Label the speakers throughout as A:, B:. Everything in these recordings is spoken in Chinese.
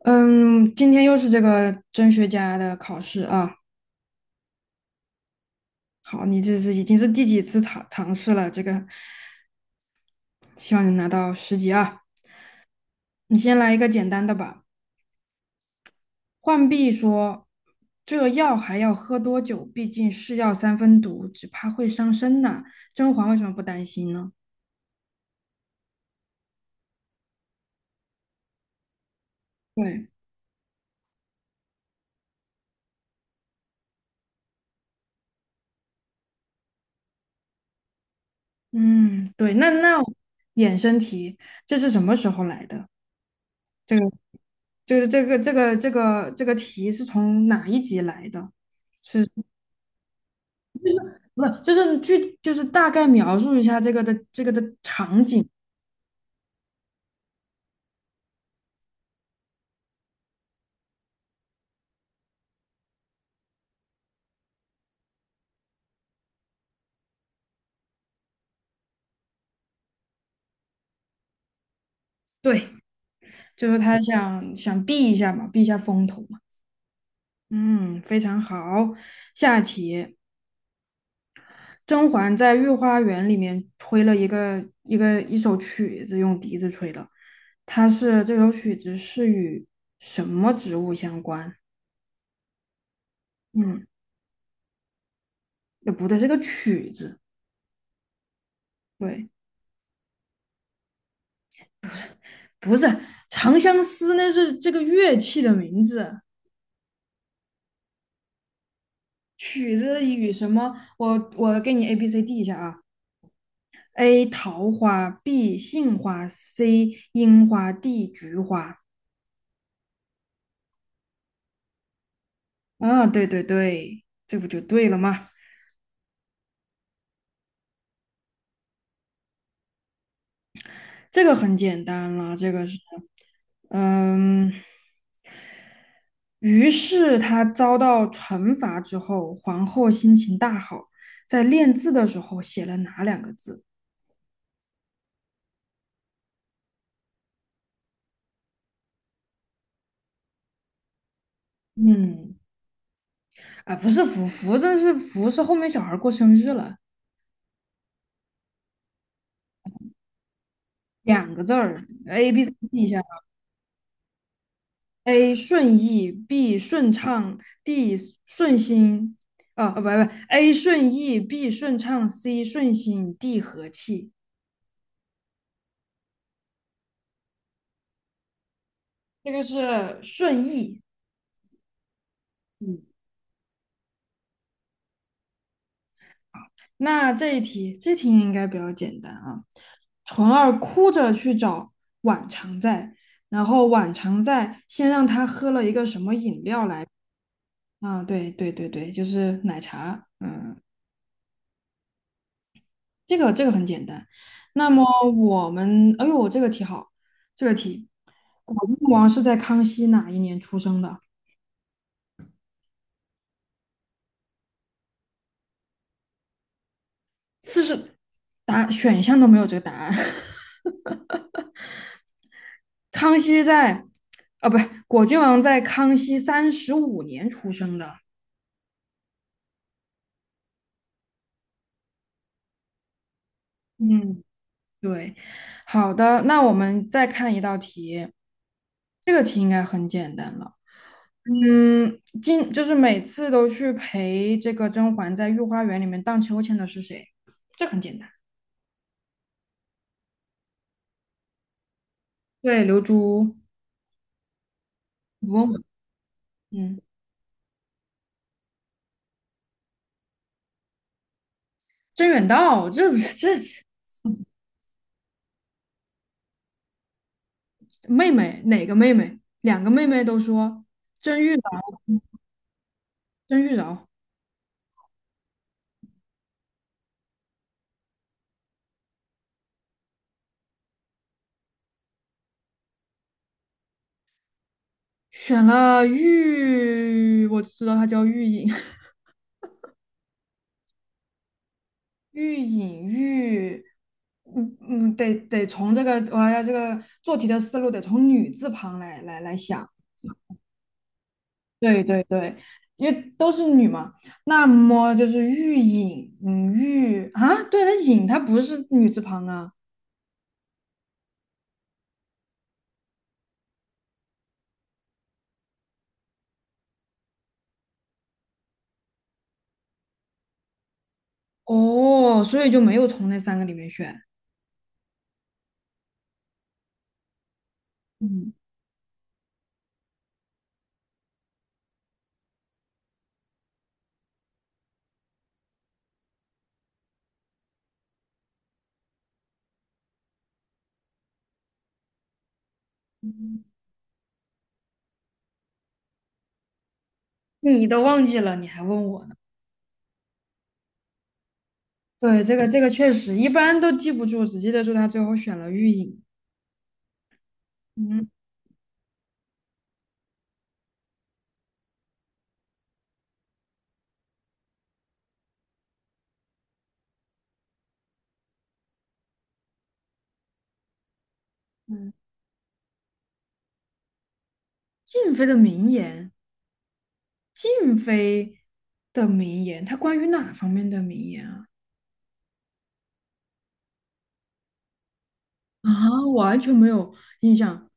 A: 嗯，今天又是这个甄学家的考试啊。好，你这是已经是第几次尝试了？这个，希望你拿到10级啊。你先来一个简单的吧。浣碧说："这药还要喝多久？毕竟是药三分毒，只怕会伤身呐。"甄嬛为什么不担心呢？对，嗯，对，那衍生题，这是什么时候来的？这个就是这个题是从哪一集来的？是。不，就是具，就是大概描述一下这个的这个的场景。对，就是他想避一下嘛，避一下风头嘛。嗯，非常好。下一题，甄嬛在御花园里面吹了一首曲子，用笛子吹的。它是这首曲子是与什么植物相关？嗯，不对，这个曲子，对，不是《长相思》，那是这个乐器的名字。曲子与什么？我给你 A B C D 一下啊，A 桃花，B 杏花，C 樱花，D 菊花。啊，对对对，这不就对了吗？这个很简单了，这个是，嗯，于是他遭到惩罚之后，皇后心情大好，在练字的时候写了哪两个字？嗯，啊，不是福，这是福是后面小孩过生日了。两个字儿，A B C D 一下，A 顺意，B 顺畅，D 顺心，啊啊不不，A 顺意，B 顺畅，C 顺心，D 和气，这个是顺意。嗯，那这一题，这题应该比较简单啊。纯儿哭着去找晚常在，然后晚常在先让他喝了一个什么饮料来？啊，对对对对，就是奶茶。嗯。这个这个很简单。那么我们，哎呦，这个题好，这个题，果郡王是在康熙哪一年出生的？40，答选项都没有这个答案。康熙在，啊，不是，果郡王在康熙35年出生的。嗯，对。好的，那我们再看一道题，这个题应该很简单了。嗯，今就是每次都去陪这个甄嬛在御花园里面荡秋千的是谁？这很简单。对，刘珠、吴文文，嗯，甄远道，这不是这妹妹哪个妹妹？两个妹妹都说甄玉娆，甄玉娆。选了玉，我只知道她叫玉隐，玉隐玉，嗯嗯，得从这个我要这个做题的思路得从女字旁来想。对对对，因为都是女嘛，那么就是玉隐，嗯，玉啊，对，那隐它不是女字旁啊，哦，所以就没有从那三个里面选。嗯，你都忘记了，你还问我呢？对，这个这个确实一般都记不住，只记得住他最后选了玉隐。嗯嗯，静妃的名言，静妃的名言，它关于哪方面的名言啊？啊，完全没有印象。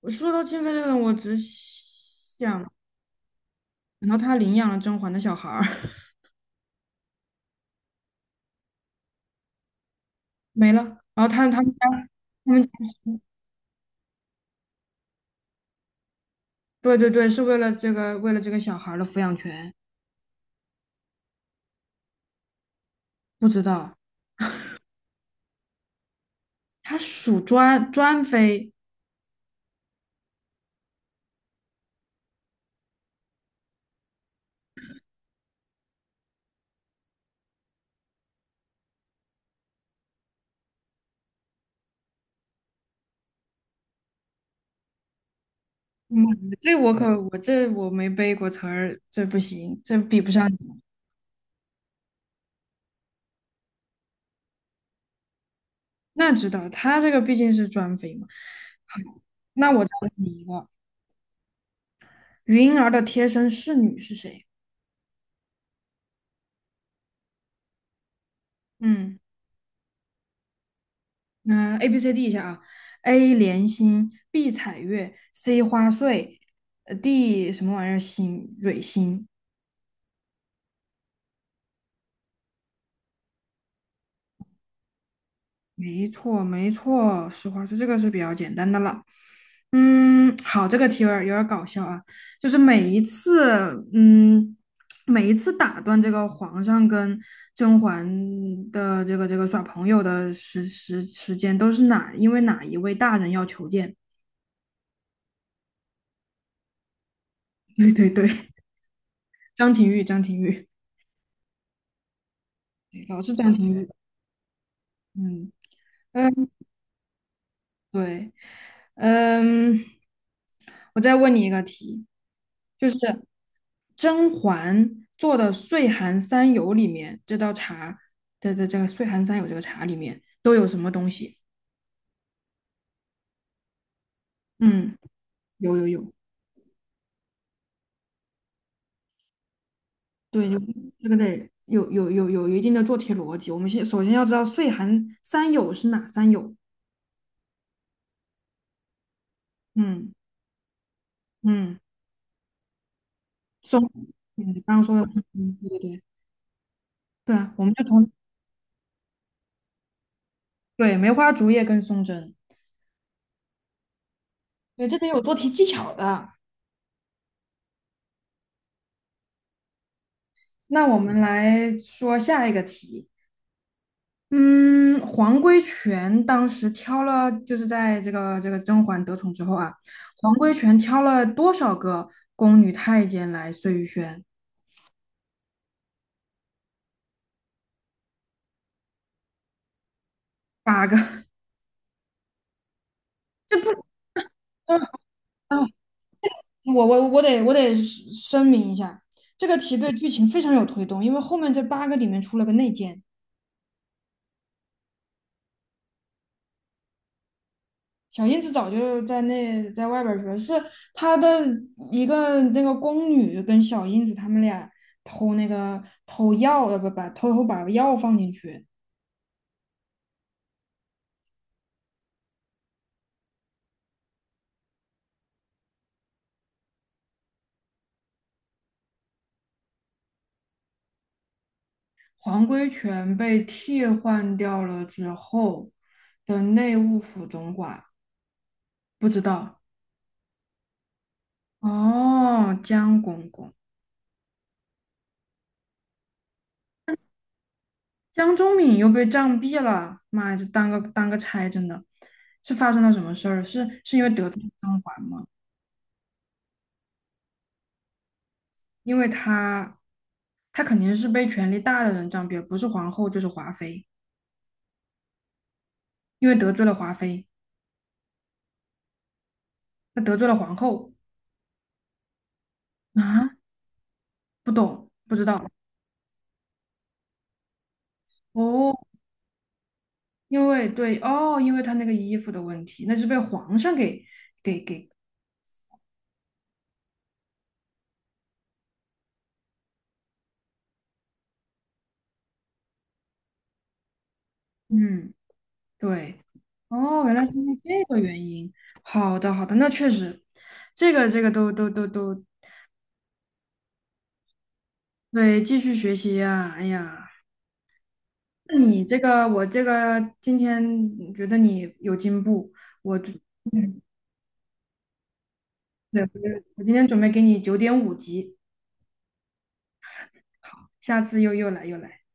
A: 我说到金飞这个人我只想，然后他领养了甄嬛的小孩儿，没了。然后他们家，他们对对对，是为了这个为了这个小孩儿的抚养权，不知道他属专妃，嗯，这我没背过词儿，这不行，这比不上你。那知道他这个毕竟是专妃嘛。好，那我再问你一个，云儿的贴身侍女是谁？嗯。嗯，A、B、C、D 一下啊，A 莲心，B 彩月，C 花穗，D 什么玩意儿心蕊心，没错没错，实话说，这个是比较简单的了。嗯，好，这个题有点搞笑啊，就是嗯，每一次打断这个皇上跟甄嬛的这个耍朋友的时间，都是因为哪一位大人要求见？对对对，张廷玉，张廷玉，对老是张廷玉。嗯嗯，对，嗯，我再问你一个题，就是甄嬛做的岁寒三友里面，这道茶的这个岁寒三友这个茶里面都有什么东西？嗯，有有有，对，有这个得有一定的做题逻辑。我们先首先要知道岁寒三友是哪三友？嗯嗯，松，嗯，刚刚说的松针，对对对，对啊，我们就从对梅花竹叶跟松针。对，这得有做题技巧的。那我们来说下一个题。嗯，黄规全当时挑了，就是在这个甄嬛得宠之后啊，黄规全挑了多少个宫女太监来碎玉轩？八个。这不，啊啊，我得声明一下，这个题对剧情非常有推动，因为后面这八个里面出了个内奸。小燕子早就在那在外边儿学，是她的一个那个宫女跟小燕子他们俩偷那个偷药，不偷偷把药放进去，黄规全被替换掉了之后的内务府总管不知道哦，江公公江忠敏又被杖毙了，妈呀，这当个差真的，是发生了什么事儿？是因为得罪了张环吗？因为他她肯定是被权力大的人占便宜，不是皇后就是华妃，因为得罪了华妃，那得罪了皇后啊？不懂，不知道哦，因为对哦，因为她那个衣服的问题，那是被皇上给，嗯，对，哦，原来是因为这个原因。好的，好的，那确实，这个这个都都都都对，继续学习呀、哎呀，那你这个我这个今天觉得你有进步，我就。对，我今天准备给你9.5级，好，下次又来又来。